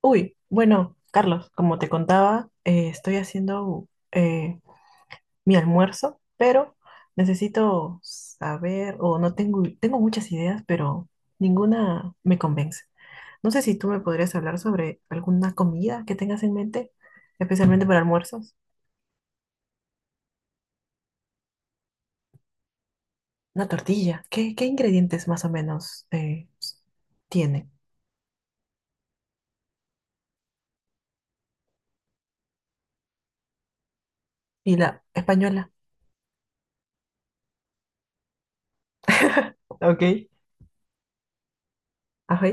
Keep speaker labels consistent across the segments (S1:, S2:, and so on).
S1: Uy, bueno, Carlos, como te contaba, estoy haciendo mi almuerzo, pero necesito saber, o no tengo, tengo muchas ideas, pero ninguna me convence. No sé si tú me podrías hablar sobre alguna comida que tengas en mente, especialmente para almuerzos. Una tortilla, ¿qué ingredientes más o menos tiene? Y la española. Ok. Ajá.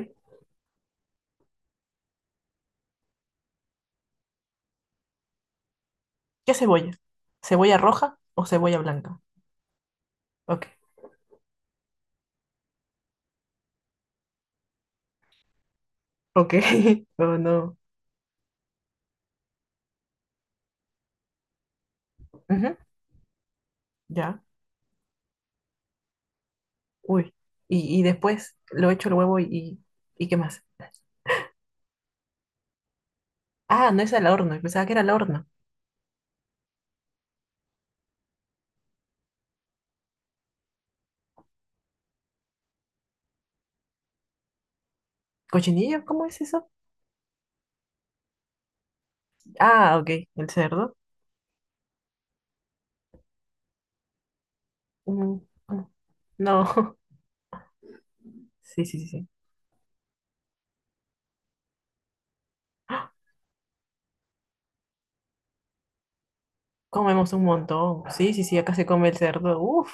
S1: ¿Qué cebolla? ¿Cebolla roja o cebolla blanca? Ok. Ok, no, no. Ujú, ya. Uy. Y después lo echo el huevo ¿y qué más? Ah, no es al horno. Pensaba que era al horno. ¿Cochinillo? ¿Cómo es eso? Ah, ok. El cerdo. Mm, mm. No. Sí, sí, sí, sí. ¡Ah! Comemos un montón. Sí, sí, sí. Acá se come el cerdo. Uf.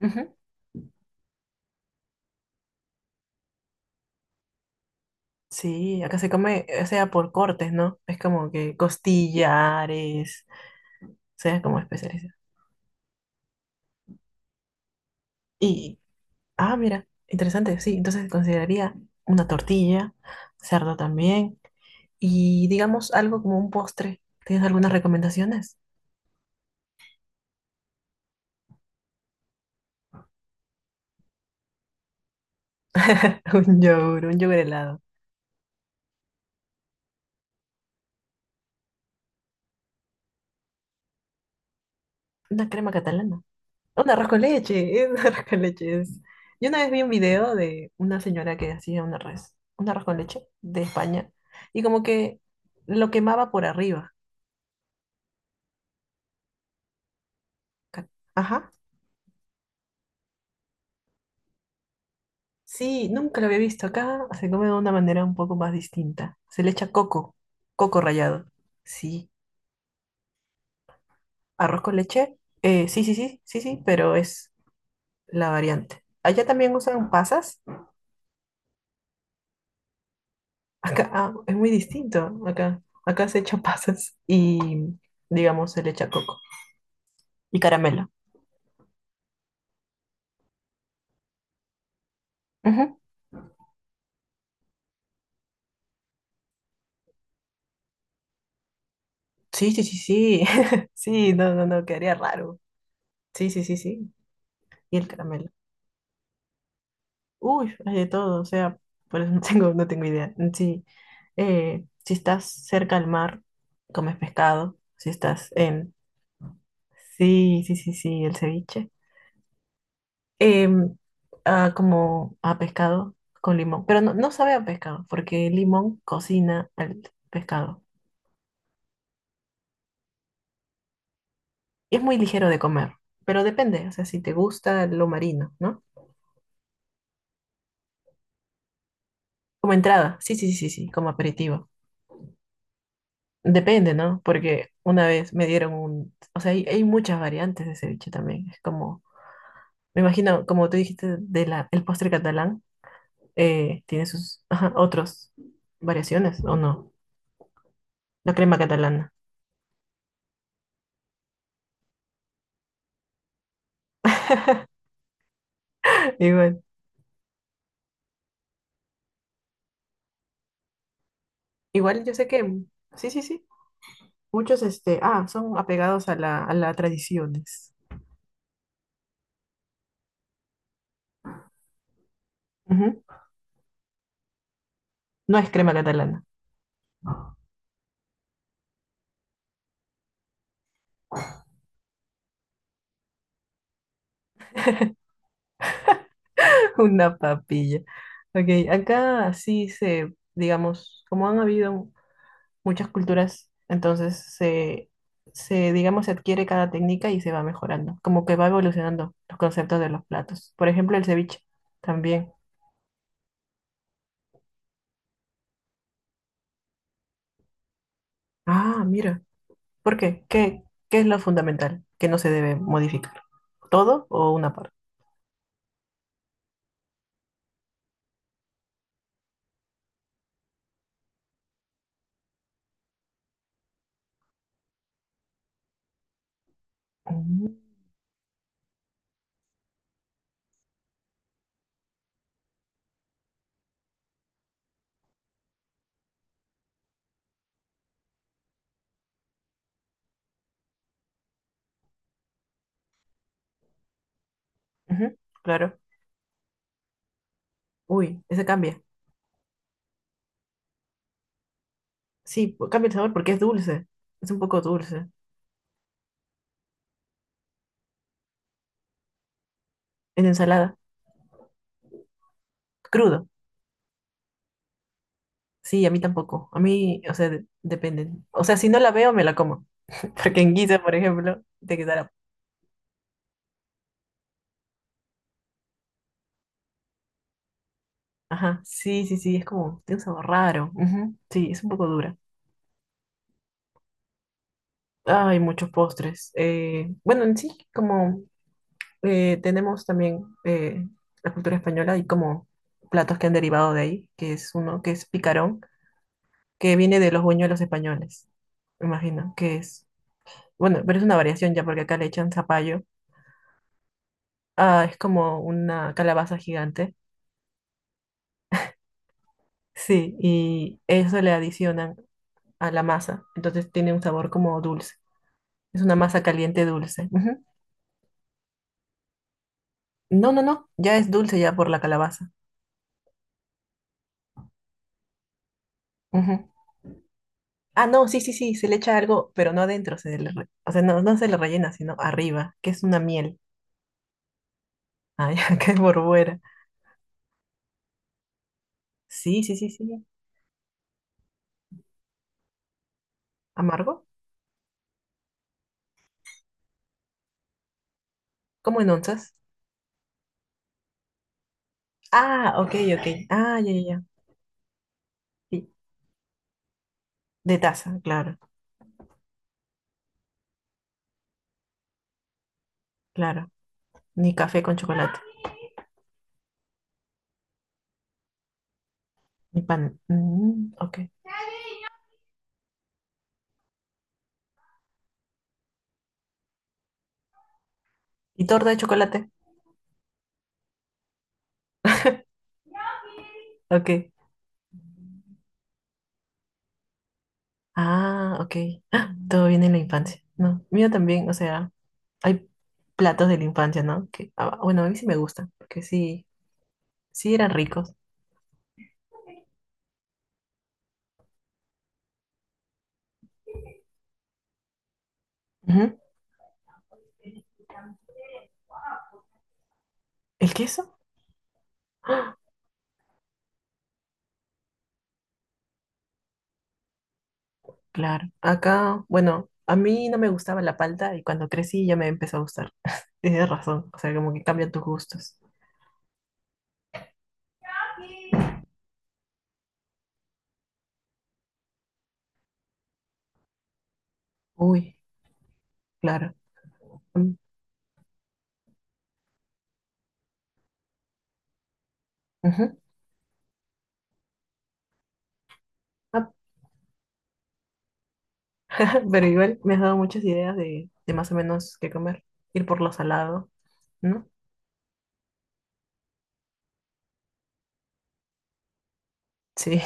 S1: Ujú. Sí, acá se come, o sea, por cortes, ¿no? Es como que costillares. O sea, como especialidad. Y, ah, mira, interesante, sí. Entonces consideraría una tortilla, cerdo también, y digamos algo como un postre. ¿Tienes algunas recomendaciones? Un yogur helado, una crema catalana, un arroz con leche, un arroz con leche es. Yo una vez vi un video de una señora que hacía un arroz con leche de España, y como que lo quemaba por arriba. Ca- ajá. Sí, nunca lo había visto acá. Se come de una manera un poco más distinta. Se le echa coco, coco rallado. Sí. ¿Arroz con leche? Sí, sí, sí, sí, sí, pero es la variante. ¿Allá también usan pasas? Acá, ah, es muy distinto. Acá, acá se echa pasas y, digamos, se le echa coco y caramelo. Ujú. Sí, sí, sí, sí. Sí, no, no, no, quedaría raro. Sí, sí, sí, sí. Y el caramelo. Uy, hay de todo, o sea, por eso no tengo, no tengo idea. Sí, si estás cerca al mar, comes pescado. Si estás en... Sí, sí, sí, sí, el ceviche. Em, ah, como a pescado con limón, pero no, no sabe a pescado, porque el limón cocina al pescado. Y es muy ligero de comer, pero depende, o sea, si te gusta lo marino, ¿no? Como entrada, sí, sí, sí, sí, sí, como aperitivo. Depende, ¿no? Porque una vez me dieron un... O sea, hay muchas variantes de ceviche también. Es como, me imagino, como tú dijiste, de la, el postre catalán, tiene sus ajá, otras variaciones, ¿o no? La crema catalana. Igual, igual yo sé que... Sí, sí, sí. Muchos, este, ah, son apegados a la, a las tradiciones. Ujú. No es crema catalana, una papilla. Ok, acá sí se, digamos, como han habido muchas culturas, entonces se, digamos, se adquiere cada técnica y se va mejorando, como que va evolucionando los conceptos de los platos. Por ejemplo, el ceviche también. Ah, mira, ¿por qué? ¿Qué es lo fundamental que no se debe modificar? ¿Todo o una parte? Mm, ujú, claro. Uy, ese cambia. Sí, pu- cambia el sabor porque es dulce, es un poco dulce. En ensalada, crudo. Sí, a mí tampoco. A mí, o sea, de- dependen. O sea, si no la veo, me la como. Porque en guisa, por ejemplo, te quedará. Ajá, sí, sí, sí, es como, tiene un sabor raro. Ujú, sí, es un poco dura. Hay muchos postres. Bueno, en sí, como tenemos también la cultura española y como platos que han derivado de ahí, que es uno que es picarón, que viene de los buñuelos españoles, me imagino, que es, bueno, pero es una variación ya porque acá le echan zapallo. Ah, es como una calabaza gigante. Sí, y eso le adicionan a la masa, entonces tiene un sabor como dulce. Es una masa caliente dulce. Ujú. No, no, no, ya es dulce ya por la calabaza. Ujú. Ah, no, sí, sí, sí, se le echa algo, pero no adentro, se le re- o sea, no, no se le rellena, sino arriba, que es una miel. Ay, qué borbuera. Sí, sí, sí, sí. ¿Amargo? ¿Cómo en onzas? Ah, ok, ok. Ah, ya, ya, ya. Sí, de taza, claro, claro. Ni café con chocolate, ni pan. Mm, ok. ¿Y torta de chocolate? Ok. Ah, ok. Ah, todo viene en la infancia. No, mío también, o sea, hay platos de la infancia, ¿no? Que, ah, bueno, a mí sí me gustan, porque sí, sí eran ricos. Ujú. ¿El queso? Claro. Acá, bueno, a mí no me gustaba la palta y cuando crecí ya me empezó a gustar. Tienes razón, o sea, como que cambian tus gustos. Uy, claro. Mm, ujú. Ah, pero igual me has dado muchas ideas de más o menos qué comer. Ir por lo salado, ¿no? Sí,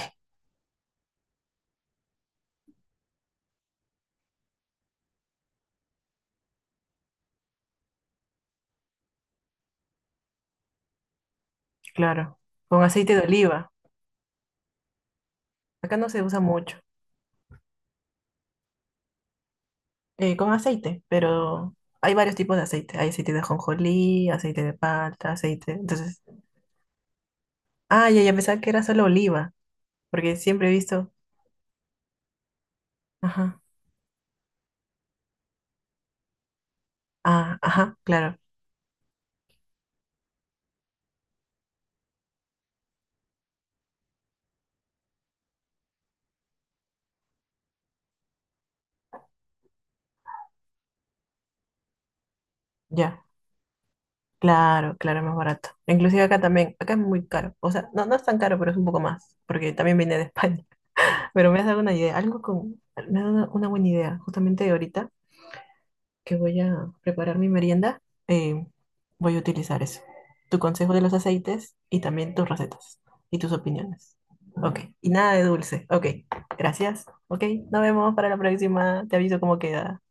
S1: claro. Con aceite de oliva. Acá no se usa mucho. Eh, con aceite, pero hay varios tipos de aceite. Hay aceite de ajonjolí, aceite de palta, aceite. Entonces, ah, ya, ya pensaba que era solo oliva, porque siempre he visto. Ajá, ah, ajá, claro, ya, claro, claro, es más barato. Inclusive acá también, acá es muy caro. O sea, no, no es tan caro, pero es un poco más, porque también viene de España. Pero me has dado una idea, algo con, me has dado una buena idea, justamente ahorita, que voy a preparar mi merienda, eh, voy a utilizar eso. Tu consejo de los aceites y también tus recetas y tus opiniones. Ok, y nada de dulce. Ok, gracias. Ok, nos vemos para la próxima. Te aviso cómo queda.